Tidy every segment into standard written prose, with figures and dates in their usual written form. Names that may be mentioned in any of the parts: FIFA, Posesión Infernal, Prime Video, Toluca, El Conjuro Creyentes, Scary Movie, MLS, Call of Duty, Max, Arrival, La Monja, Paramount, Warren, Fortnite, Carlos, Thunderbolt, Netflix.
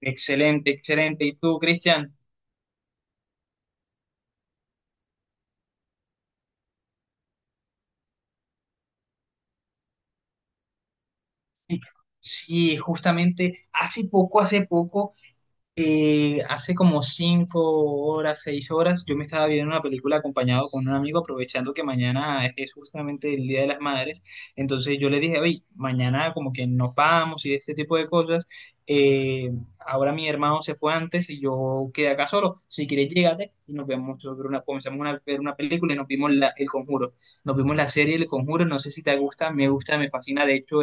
Excelente, excelente. ¿Y tú, Cristian? Sí, justamente hace poco, hace como cinco horas, seis horas, yo me estaba viendo una película acompañado con un amigo, aprovechando que mañana es justamente el Día de las Madres. Entonces yo le dije, oye, mañana como que nos vamos y este tipo de cosas. Eh, Ahora mi hermano se fue antes y yo quedé acá solo. Si quieres, llégate y nos vemos sobre una, comenzamos a ver una película y nos vimos El Conjuro. Nos vimos la serie El Conjuro. No sé si te gusta, me fascina. De hecho,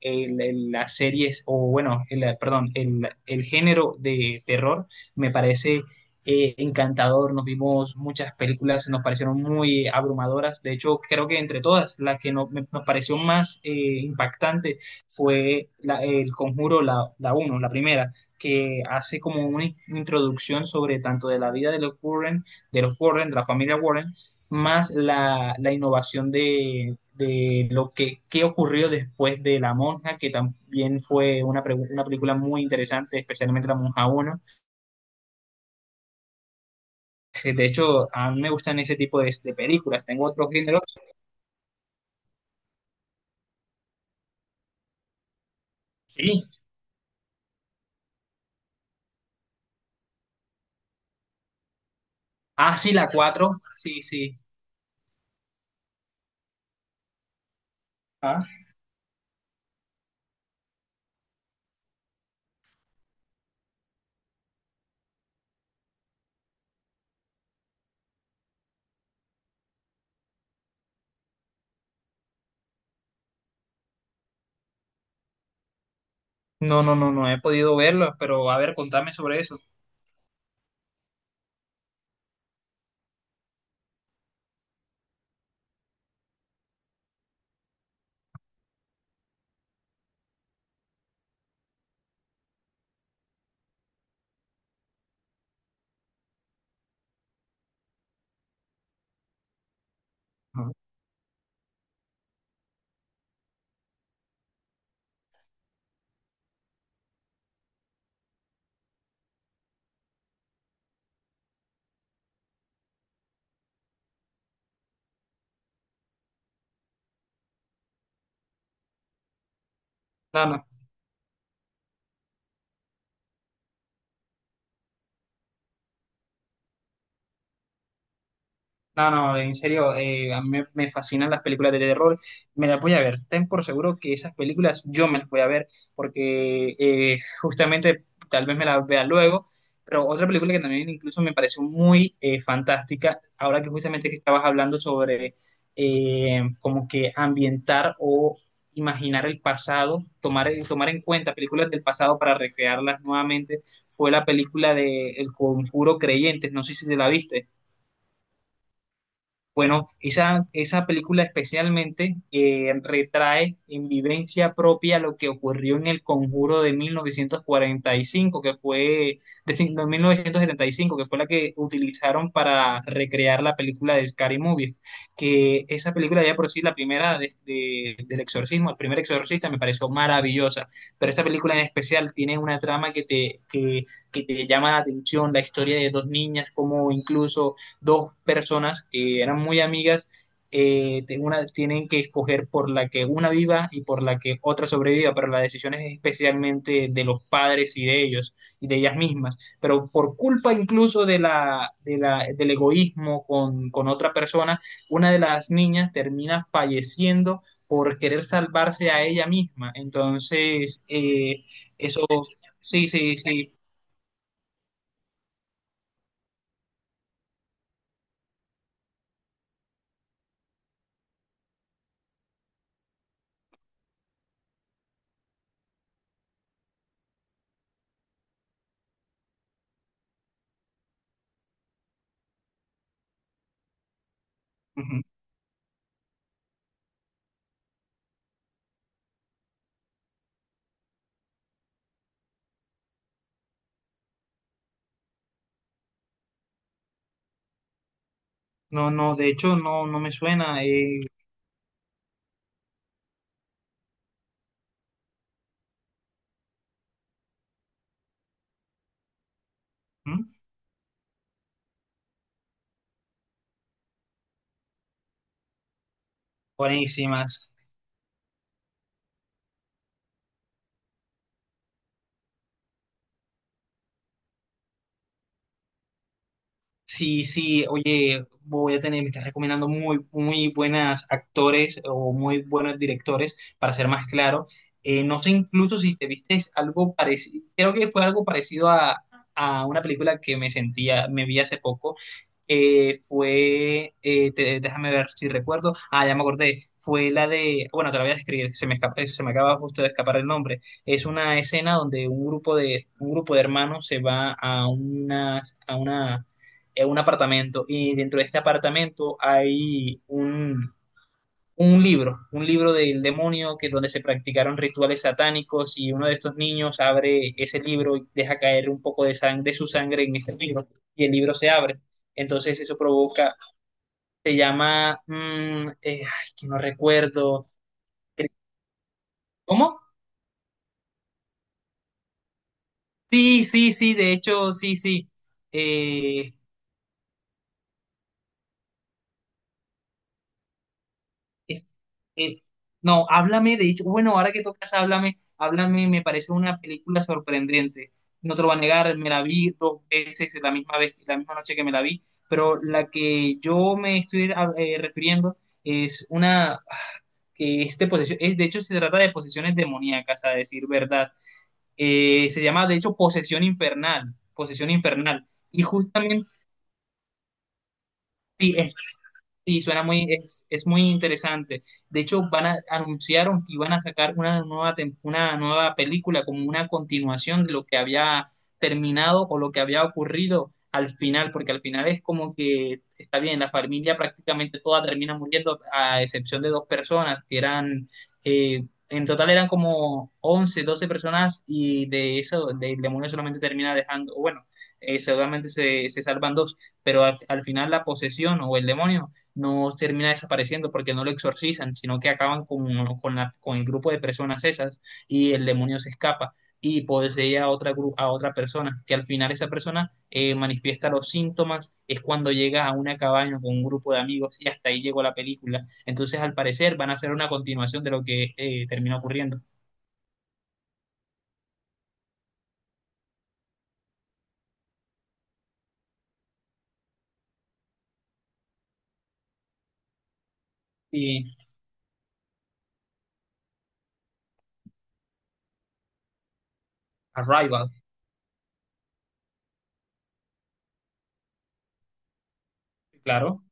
las series, o bueno, perdón, el género de terror me parece encantador. Nos vimos muchas películas, nos parecieron muy abrumadoras. De hecho, creo que entre todas, la que nos pareció más impactante fue El Conjuro, la uno, la primera, que hace como una introducción sobre tanto de la vida de los Warren, de los Warren, de la familia Warren, más la innovación de lo que, qué ocurrió después de La Monja, que también fue una película muy interesante, especialmente La Monja uno. De hecho, a mí me gustan ese tipo de películas. Tengo otros géneros. Sí. Ah, sí, la cuatro. Sí, sí. Ah. No, no, no, no he podido verlo, pero a ver, contame sobre eso. Ajá. No, no. No, no, en serio, a mí me fascinan las películas de terror, me las voy a ver, ten por seguro que esas películas yo me las voy a ver, porque justamente tal vez me las vea luego, pero otra película que también incluso me pareció muy fantástica, ahora que justamente que estabas hablando sobre como que ambientar o imaginar el pasado, tomar, tomar en cuenta películas del pasado para recrearlas nuevamente, fue la película de El Conjuro Creyentes, no sé si te la viste. Bueno, esa película especialmente retrae en vivencia propia lo que ocurrió en el Conjuro de 1945, que fue, de, cin- no, 1975, que fue la que utilizaron para recrear la película de Scary Movie, que esa película ya por sí, la primera del exorcismo, el primer exorcista me pareció maravillosa, pero esta película en especial tiene una trama que que te llama la atención, la historia de dos niñas, como incluso dos personas que eran muy amigas, tienen que escoger por la que una viva y por la que otra sobreviva, pero la decisión es especialmente de los padres y de ellos y de ellas mismas. Pero por culpa incluso de del egoísmo con otra persona, una de las niñas termina falleciendo por querer salvarse a ella misma. Entonces, eso, sí, sí, sí. Ujú. No, no, de hecho, no, no me suena. ¿Mm? Buenísimas. Sí, sí, oye, voy a tener, me estás recomendando muy, muy buenas actores o muy buenos directores, para ser más claro. No sé incluso si te viste algo parecido, creo que fue algo parecido a una película que me sentía, me vi hace poco. Déjame ver si recuerdo, ah, ya me acordé, fue la de, bueno, te la voy a describir, se me acaba justo de escapar el nombre, es una escena donde un grupo de hermanos se va a una, a una, a un apartamento y dentro de este apartamento hay un libro del demonio que donde se practicaron rituales satánicos y uno de estos niños abre ese libro y deja caer un poco de sangre, de su sangre en este libro y el libro se abre. Entonces eso provoca, se llama, ay, que no recuerdo, ¿cómo? Sí, sí, sí, de hecho, sí, sí. Eh, Es- no, háblame, de hecho, bueno, ahora que tocas háblame, háblame, me parece una película sorprendente. No te lo voy a negar, me la vi dos veces la misma vez, la misma noche que me la vi, pero la que yo me estoy refiriendo es una que es de posesión, es de hecho se trata de posesiones demoníacas, a decir verdad. Se llama de hecho Posesión Infernal, Posesión Infernal. Y justamente sí, suena muy, es muy interesante. De hecho, van a, anunciaron que iban a sacar una nueva, una nueva película como una continuación de lo que había terminado o lo que había ocurrido al final, porque al final es como que está bien, la familia prácticamente toda termina muriendo, a excepción de dos personas que eran, eh, en total eran como 11 12 personas y de eso, el demonio solamente termina dejando, bueno, seguramente se salvan dos, pero al final la posesión o el demonio no termina desapareciendo porque no lo exorcizan, sino que acaban con el grupo de personas esas y el demonio se escapa y posee a otra, a otra persona, que al final esa persona manifiesta los síntomas, es cuando llega a una cabaña con un grupo de amigos y hasta ahí llegó la película. Entonces, al parecer, van a hacer una continuación de lo que termina ocurriendo. Y Arrival, claro.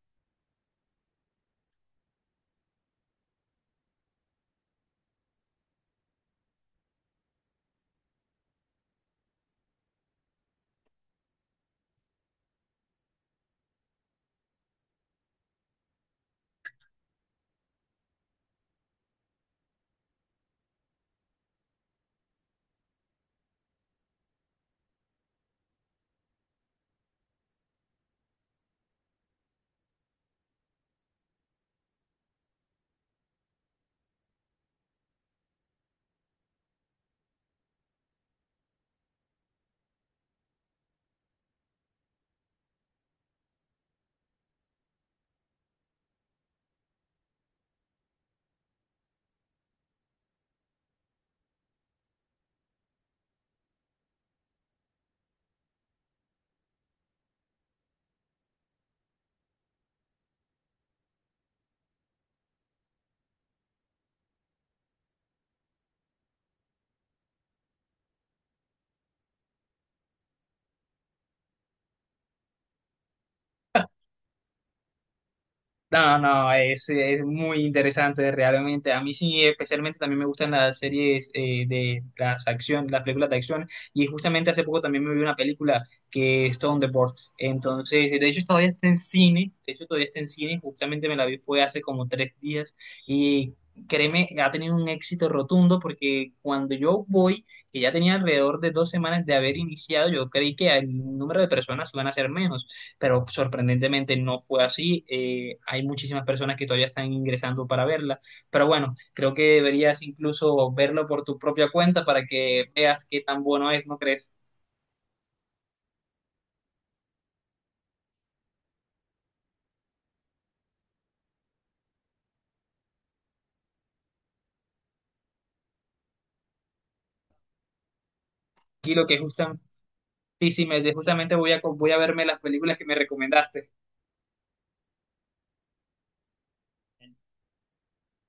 No, no, es muy interesante realmente. A mí sí, especialmente también me gustan las series de las acción, las películas de acción. Y justamente hace poco también me vi una película que es Thunderbolt. Entonces, de hecho todavía está en cine. De hecho todavía está en cine. Justamente me la vi fue hace como tres días. Y créeme, ha tenido un éxito rotundo porque cuando yo voy, que ya tenía alrededor de dos semanas de haber iniciado, yo creí que el número de personas iban a ser menos, pero sorprendentemente no fue así. Hay muchísimas personas que todavía están ingresando para verla, pero bueno, creo que deberías incluso verlo por tu propia cuenta para que veas qué tan bueno es, ¿no crees? Y lo que justamente, sí, sí, me, justamente voy a, voy a verme las películas que me recomendaste.